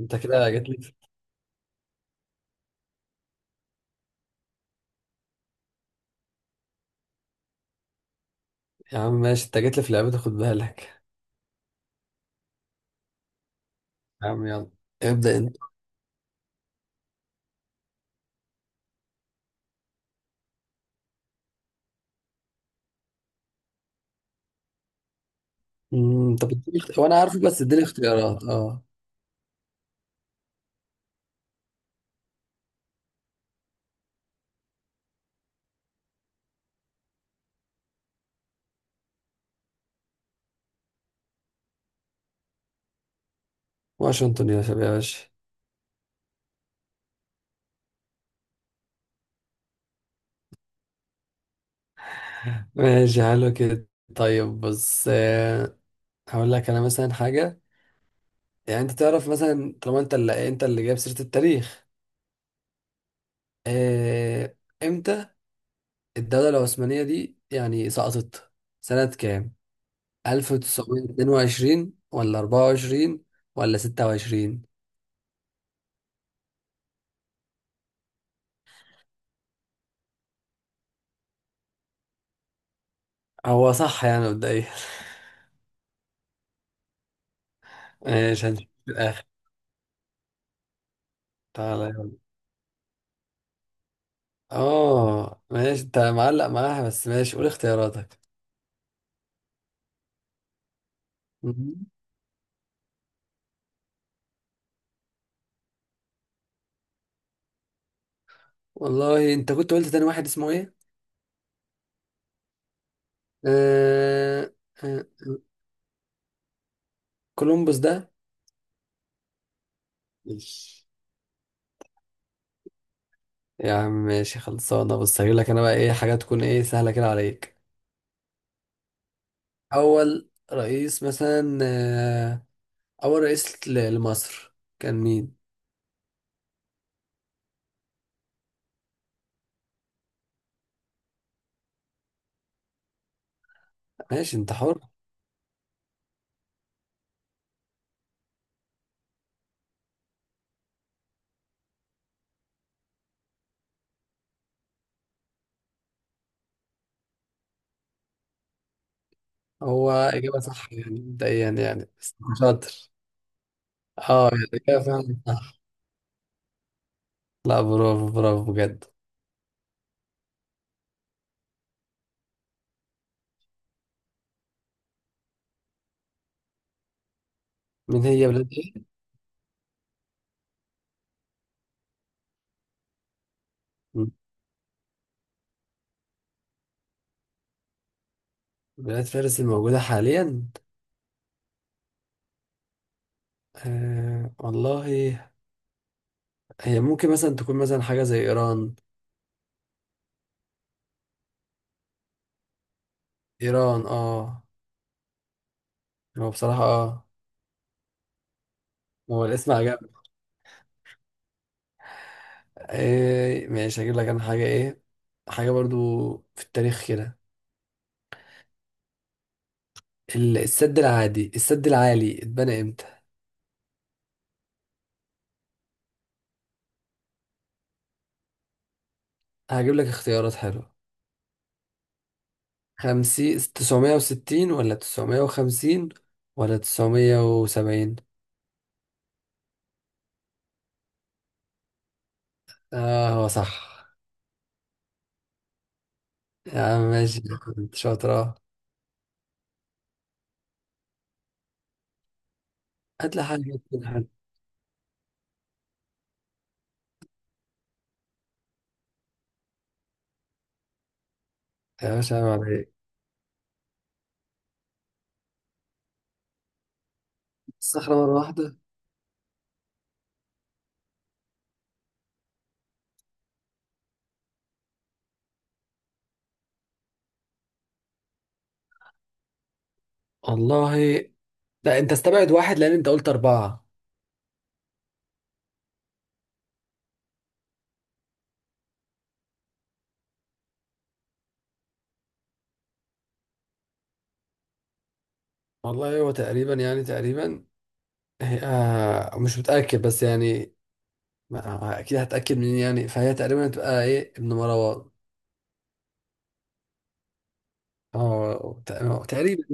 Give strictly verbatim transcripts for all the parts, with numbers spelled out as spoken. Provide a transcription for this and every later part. انت كده جيت لي في... يا عم، ماشي، انت جيت لي في لعبتي، خد بالك. يا عم يلا، ابدأ انت. امم طب اديني اخت- وانا عارفه، بس اديني اختيارات اه. واشنطن يا شباب، يا باشا. ماشي، حلو كده. طيب بص، آه، هقول لك انا مثلا حاجة. يعني انت تعرف مثلا، طالما انت اللي انت اللي جايب سيرة التاريخ. آه، امتى الدولة العثمانية دي يعني سقطت؟ سنة كام؟ ألف وتسعمائة واثنين وعشرين ولا اربعة وعشرين ولا ستة وعشرين؟ هو صح يعني مبدئيا. ماشي، هنشوف في الآخر. تعالى يلا. اه ماشي، انت معلق معاها، بس ماشي قول اختياراتك. مم. والله انت كنت قلت تاني واحد اسمه ايه؟ آه... آه... كولومبوس ده. ماشي يا عم، ماشي خلصانة. بص هجيب لك انا بقى ايه حاجة تكون ايه سهلة كده عليك. أول رئيس مثلا، آه... أول رئيس ل- لمصر كان مين؟ ماشي، انت حر. هو إجابة صح يعني مبدئيا يعني، بس انت شاطر. اه يعني إجابة فعلا صح. لا، برافو برافو بجد. من هي بلاد ايه؟ مم. بلاد فارس الموجودة حاليا. آه والله، هي ممكن مثلا تكون مثلا حاجة زي ايران. ايران اه. هو بصراحة اه. هو الاسم عجبني. آه ماشي، هجيب لك انا حاجة ايه. حاجة برضو في التاريخ كده. ال- السد العالي السد العالي اتبنى امتى؟ هجيب لك اختيارات حلوة. خمسين تسعمية وستين، ولا تسعمية وخمسين، ولا تسعمية وسبعين. اه هو صح. يا عم ماشي، كنت شاطر. هات لي حاجة تكون حلوة. يا باشا عيب عليك. الصخرة مرة واحدة. والله، لا انت استبعد واحد لان انت قلت اربعة. والله هو تقريبا يعني تقريبا. هي آه مش متأكد بس يعني. ما- اكيد هتأكد منين يعني، فهي تقريبا هتبقى ايه ابن مروان. اه تق- تقريبا.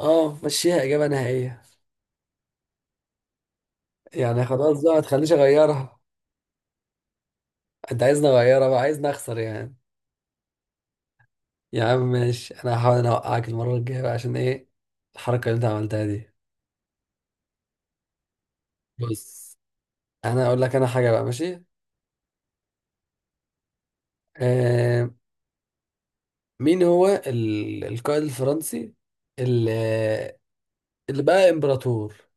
اه مشيها اجابة نهائية. يعني خلاص بقى، ما تخليش اغيرها. انت عايزني اغيرها بقى؟ عايزني اخسر يعني؟ يا عم ماشي، انا هحاول انا اوقعك المرة الجاية بقى، عشان ايه؟ الحركة اللي انت عملتها دي. بص، انا اقول لك انا حاجه بقى، ماشي. آه مين هو ال... القائد الفرنسي اللي اللي بقى امبراطور؟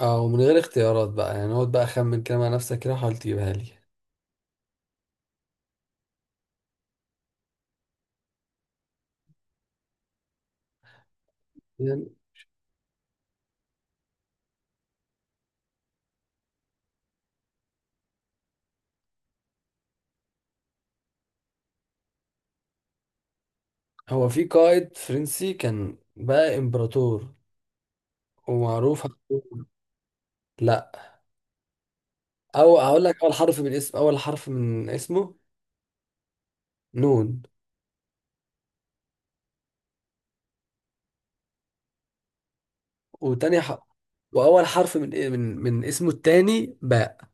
او من غير اختيارات بقى يعني، اقعد بقى اخمن كده مع نفسك كده، حاول تجيبها لي. يعني هو في قائد فرنسي كان بقى امبراطور ومعروف. لا، او اقول لك اول حرف من اسم اول حرف من اسمه. نون. وتاني ح... واول حرف من إيه، من من اسمه التاني باء.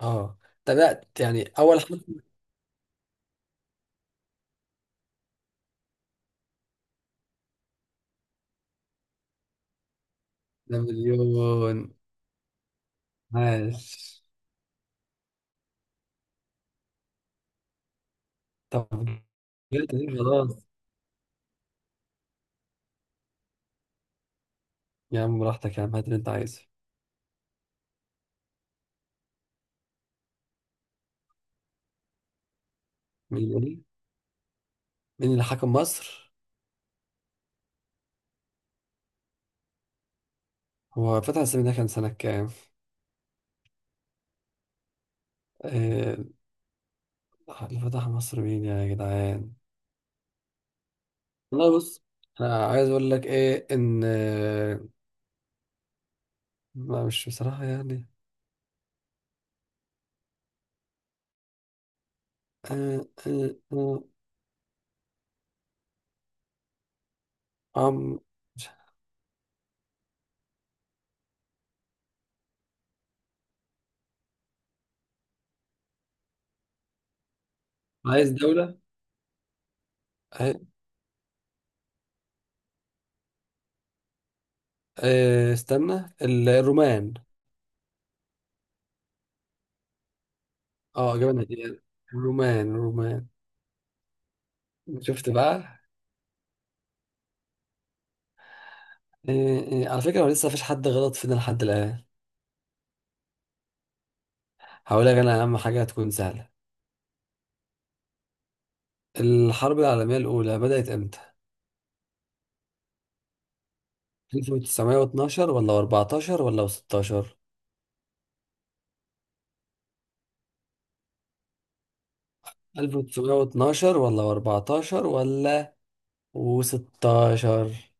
اه تبعت يعني اول حرف. نابليون. عاش. طب جبت دي خلاص. يا عم براحتك، يا عم هات اللي انت عايزه. مين اللي مين اللي حكم مصر؟ هو فتح السيمي ده كان سنة كام؟ آه، اللي فتح مصر مين يا جدعان؟ والله بص، أنا عايز أقول لك إيه إن آه، ما مش بصراحة يعني. آه، آه، آه، عم، مش- عايز دولة. آه، آه، استنى ال- الرومان. اه إجابة نهائية، الرومان الرومان. شفت بقى؟ إيه إيه، على فكرة، هو لسه مفيش حد غلط فينا لحد الآن. هقولك أنا، أهم حاجة هتكون سهلة. الحرب العالمية الأولى بدأت إمتى؟ ألف وتسعمية واتناشر ولا اربعتاشر ولا ستاشر؟ ألف وتسعمية واتناشر ولا اربعتاشر ولا ستاشر.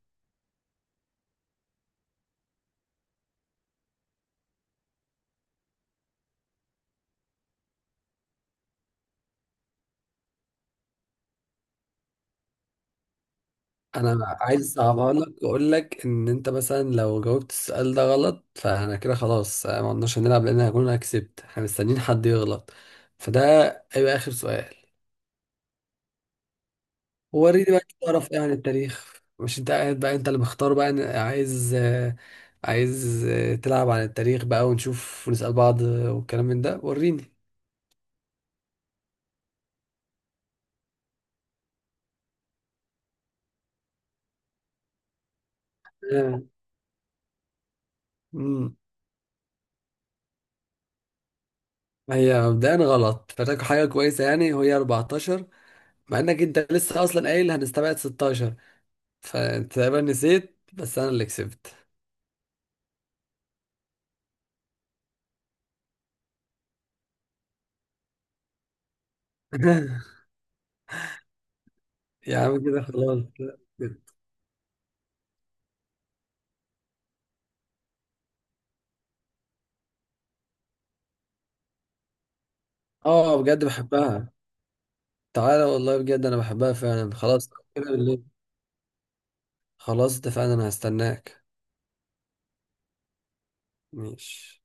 أنا عايز أصعبها لك وأقول لك إن أنت مثلا لو جاوبت السؤال ده غلط، فأنا كده خلاص، آه، ما قلناش هنلعب، لأن هكون أنا كسبت. إحنا مستنيين حد يغلط، فده هيبقى آخر سؤال. وريني بقى تعرف ايه عن التاريخ. مش انت قاعد بقى، انت اللي مختار بقى ان- عايز، آه، عايز آه، تلعب عن التاريخ بقى، ونشوف ونسأل بعض، آه، والكلام من ده. وريني. آه، مم. هي مبدئيا غلط، فاكر حاجة كويسة يعني، وهي أربعة عشر. مع انك انت لسه اصلا قايل هنستبعد ستاشر، فانت تقريبا نسيت، بس انا اللي كسبت. يا عم كده خلاص. اه بجد بحبها. تعالى والله، بجد انا بحبها فعلا خلاص. كده بالليل. خلاص اتفقنا، انا هستناك. ماشي.